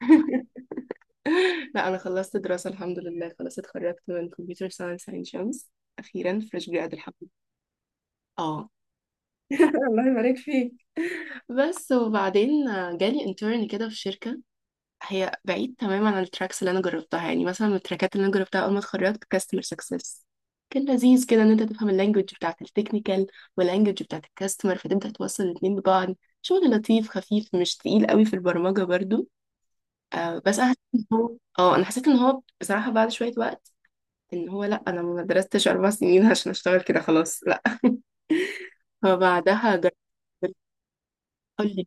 لا، انا خلصت دراسة، الحمد لله. خلاص، اتخرجت من كمبيوتر ساينس عين شمس. اخيرا فريش جراد، الحمد لله. اه. الله يبارك فيك. بس وبعدين جالي انترن كده في شركة هي بعيد تماما عن التراكس اللي انا جربتها. يعني مثلا من التراكات اللي انا جربتها اول ما اتخرجت كاستمر سكسس. كان لذيذ كده ان انت تفهم اللانجوج بتاعت التكنيكال واللانجوج بتاعت الكاستمر، فتبدا توصل الاتنين ببعض. شغل لطيف خفيف، مش تقيل قوي في البرمجة برضو. بس انا حسيت ان هو اه انا حسيت ان هو بصراحة بعد شوية وقت، ان هو لا، انا ما درستش 4 سنين عشان اشتغل كده، خلاص لا. فبعدها جربت. تقول لي.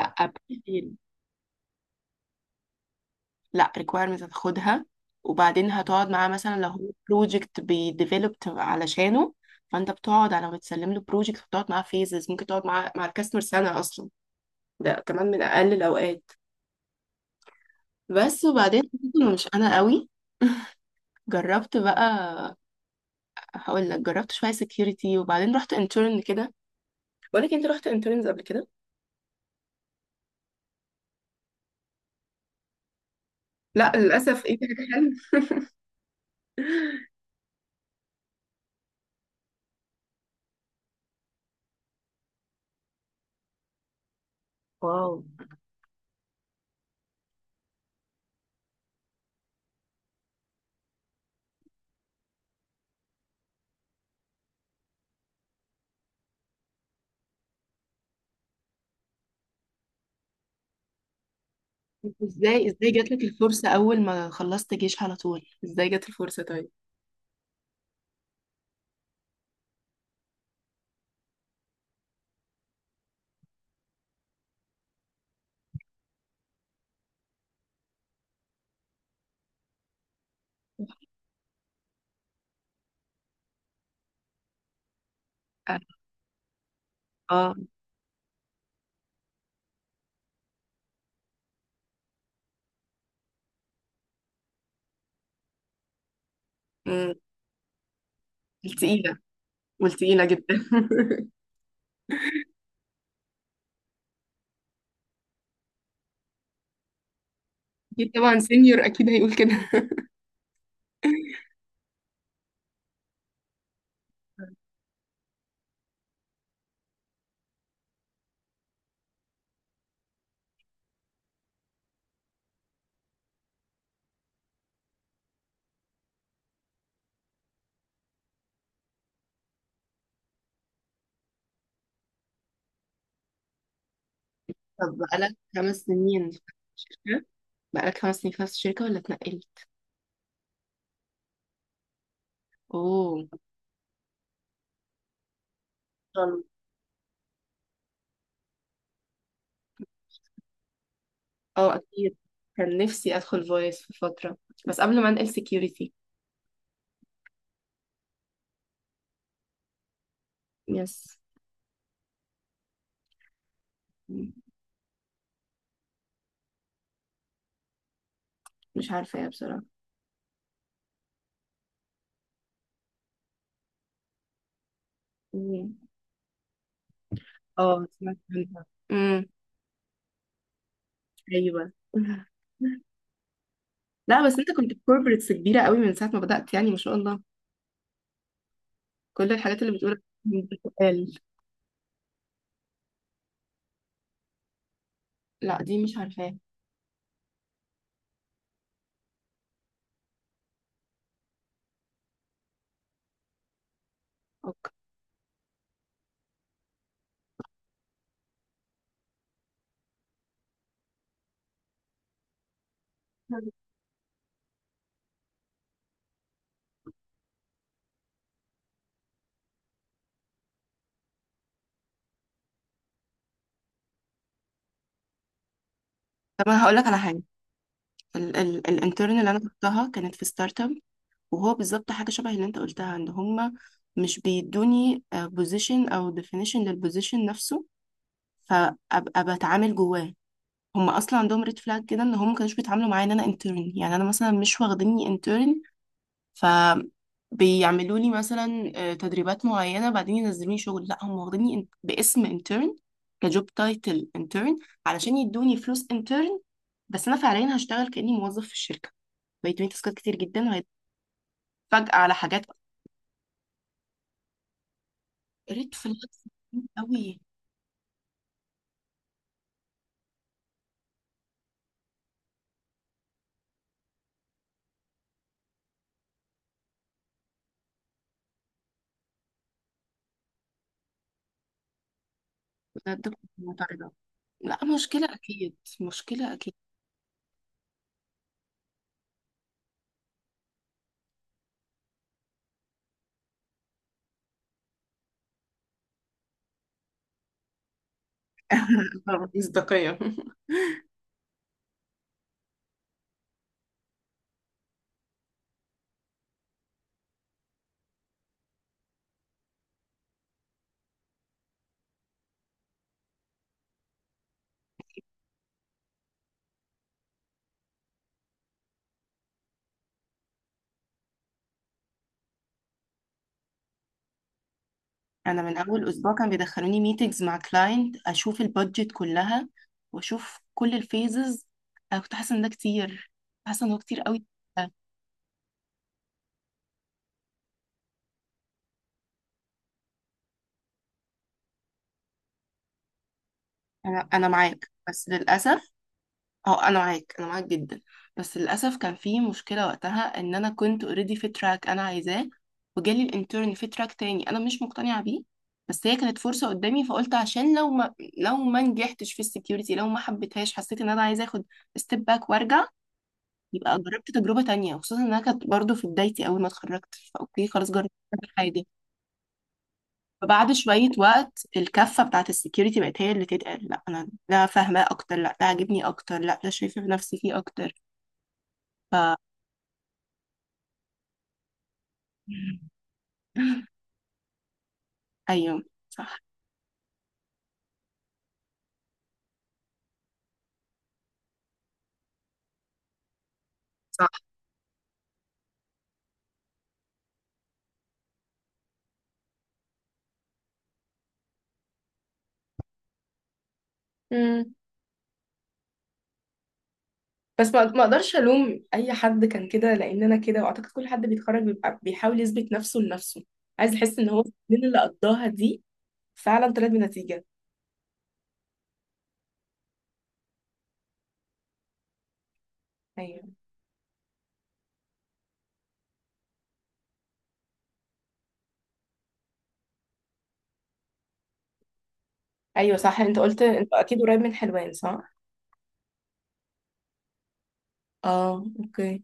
لا بتدي لا، requirements هتاخدها، وبعدين هتقعد معاه مثلا لو هو بروجكت بيديفلوبت علشانه. فانت بتقعد على ما تسلم له بروجكت، بتقعد معاه فيزز. ممكن تقعد مع الكاستمر سنه اصلا، ده كمان من اقل الاوقات. بس وبعدين حسيت إنه مش انا قوي. جربت بقى، هقول لك جربت شويه سكيورتي وبعدين رحت انترن كده. بقول لك انت، رحت انترنز قبل كده؟ لا للأسف، ايه ده، حلو. واو. ازاي، جات لك الفرصة اول ما خلصت جيش على طول؟ ازاي جت الفرصة طيب؟ اه. مم، التقيلة. والتقيلة جدا. اكيد طبعا، سينيور اكيد هيقول كده. طب بقالك خمس سنين في نفس الشركة ولا اتنقلت؟ اوه. طبعاً. اه اكيد. كان نفسي ادخل فويس في فترة، بس قبل ما انقل سكيورتي. يس. مم، مش عارفة ايه بصراحة. مم. اه، سمعت عنها. ايوه. لا بس انت كنت في كوربريتس كبيره قوي من ساعه ما بدات، يعني ما شاء الله، كل الحاجات اللي بتقولها بتتقال. لا، دي مش عارفاها. اوكي. طب انا هقول لك على حاجه، الانترن اللي انا كنتها كانت في ستارت اب. وهو بالظبط حاجه شبه اللي انت قلتها، ان هم مش بيدوني بوزيشن او ديفينيشن للبوزيشن نفسه، فابقى بتعامل جواه. هم اصلا عندهم ريد فلاج كده، ان هم ما كانوش بيتعاملوا معايا ان انا انترن. يعني انا مثلا مش واخديني intern، فبيعملوا لي مثلا تدريبات معينة بعدين ينزلوني شغل. لا هم واخديني باسم انترن، كجوب تايتل انترن، علشان يدوني فلوس انترن، بس انا فعليا هشتغل كأني موظف في الشركة. بيدوني تاسكات كتير جدا، وهتفاجئ على حاجات. ريد فلاجز قوي. بجد كنت معترضة. لا، مصداقية. مشكلة أكيد، مشكلة أكيد. مصداقية. انا من اول اسبوع كان بيدخلوني ميتينجز مع كلاينت، اشوف البادجت كلها واشوف كل الفيزز. انا كنت حاسه ان ده كتير، حاسه ان هو كتير قوي. انا معاك، بس للاسف. اه، انا معاك، انا معاك جدا. بس للاسف كان في مشكله وقتها، ان انا كنت اوريدي في تراك انا عايزاه، وجالي الانترن في تراك تاني انا مش مقتنعه بيه. بس هي كانت فرصه قدامي، فقلت عشان لو ما نجحتش في السكيورتي، لو ما حبيتهاش، حسيت ان انا عايزه اخد ستيب باك وارجع. يبقى جربت تجربة تانية، وخصوصا انها كانت برضو في بدايتي اول ما اتخرجت، فاوكي، خلاص جربت كل حاجة. فبعد شوية وقت، الكفة بتاعت السكيورتي بقت هي اللي تتقال. لا، انا ده فاهماه اكتر، لا ده عاجبني اكتر، لا ده شايفة نفسي فيه اكتر. ف ايوه، صح صح. مم. بس ما اقدرش الوم اي حد كان كده، لان انا كده. واعتقد كل حد بيتخرج بيبقى بيحاول يثبت نفسه لنفسه، عايز يحس ان هو السنين اللي قضاها دي فعلا طلعت بنتيجه. ايوه، ايوه، صح. انت قلت انت اكيد قريب من حلوان، صح؟ اه، اوكي.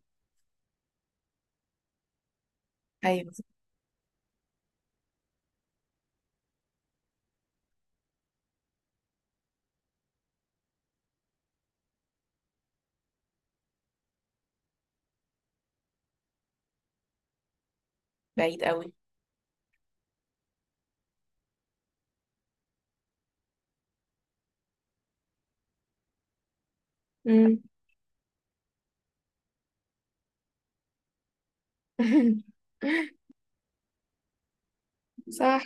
ايوه. بعيد قوي. امم. صح.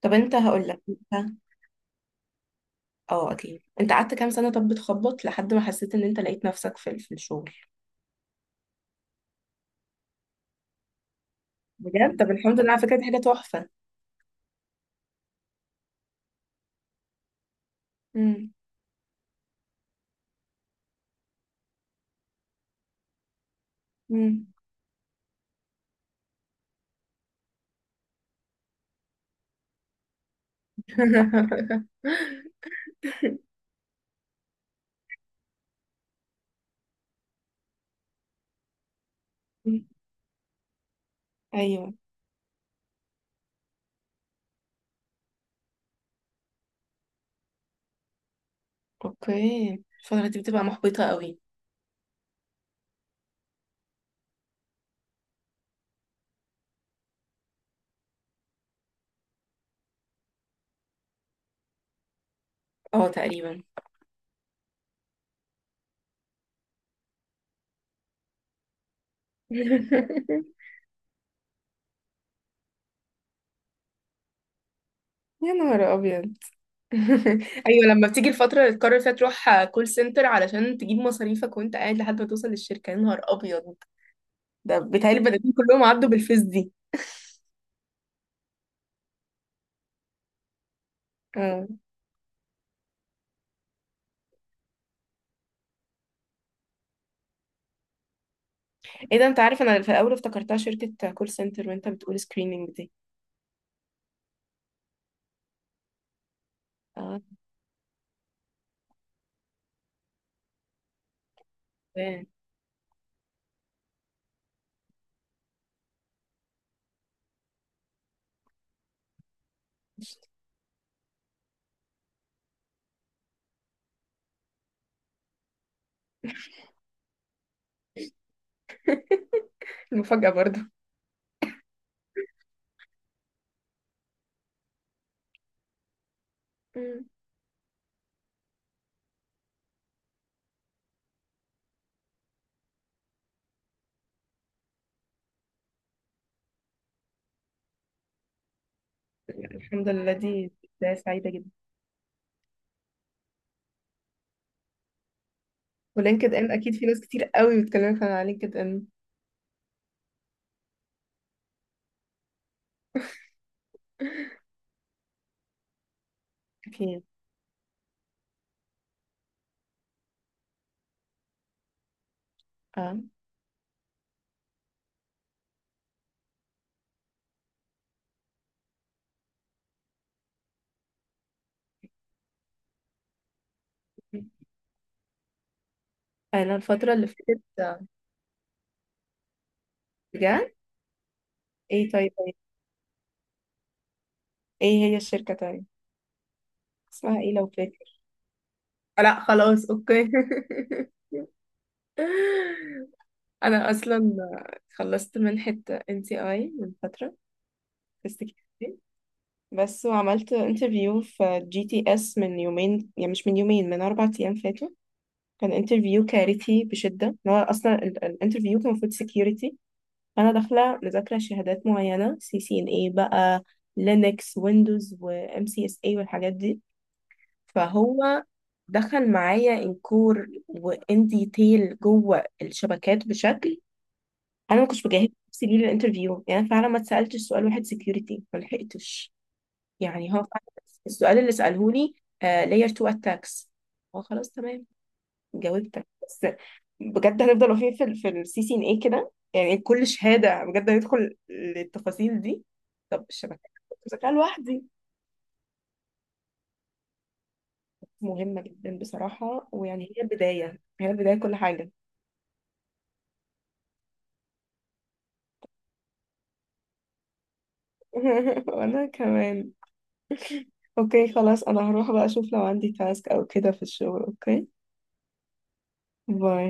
طب انت، هقول لك انت. اه اكيد. انت قعدت كام سنه طب بتخبط لحد ما حسيت ان انت لقيت نفسك في الشغل؟ بجد؟ طب الحمد لله، على فكره دي حاجه تحفه. امم. امم. ايوه. اوكي، الفتره دي بتبقى محبطه قوي. اه تقريبا. يا نهار ابيض. ايوه، لما بتيجي الفتره اللي تقرر فيها تروح كول سنتر علشان تجيب مصاريفك وانت قاعد لحد ما توصل للشركه، يا نهار ابيض. ده بيتهيألي البني كلهم عدوا بالفيس دي. اه. ايه ده، انت عارف انا في الاول افتكرتها شركه كول سنتر، وانت بتقول سكريننج دي. اه. تمام. المفاجاه برضو. مم. الحمد لله، دي بدايه سعيده جدا. ولينكد ان، اكيد في ناس كتير قوي بتكلمك عن لينكد ان. اكيد. اه. انا الفتره اللي فاتت، بجد؟ ايه طيب؟ ايه هي الشركه طيب؟ اسمها ايه لو فاكر؟ لا خلاص، اوكي. انا اصلا خلصت منحة NTI من فترة في السكيورتي. بس وعملت انترفيو في GTS من يومين، يعني مش من يومين، من 4 ايام فاتوا. كان انترفيو كارثي بشدة، إن هو اصلا الانترفيو كان المفروض سكيورتي. انا داخلة مذاكرة شهادات معينة، CCNA بقى، لينكس ويندوز وMCSA والحاجات دي. فهو دخل معايا انكور وان ديتيل جوه الشبكات بشكل، انا ما كنتش بجهز نفسي ليه للانترفيو. يعني أنا فعلا ما اتسالتش سؤال واحد سكيورتي، ما لحقتش. يعني هو فعلا السؤال اللي ساله لي، لاير 2 اتاكس. هو خلاص تمام، جاوبتك. بس بجد، هنفضل واقفين في ال في الCCNA كده؟ يعني كل شهاده بجد هندخل للتفاصيل دي؟ طب الشبكات كنت بذاكرها لوحدي. مهمه جدا بصراحه، ويعني هي البدايه، هي البدايه كل حاجه. وانا كمان. اوكي خلاص، انا هروح بقى اشوف لو عندي تاسك او كده في الشغل. اوكي. باي.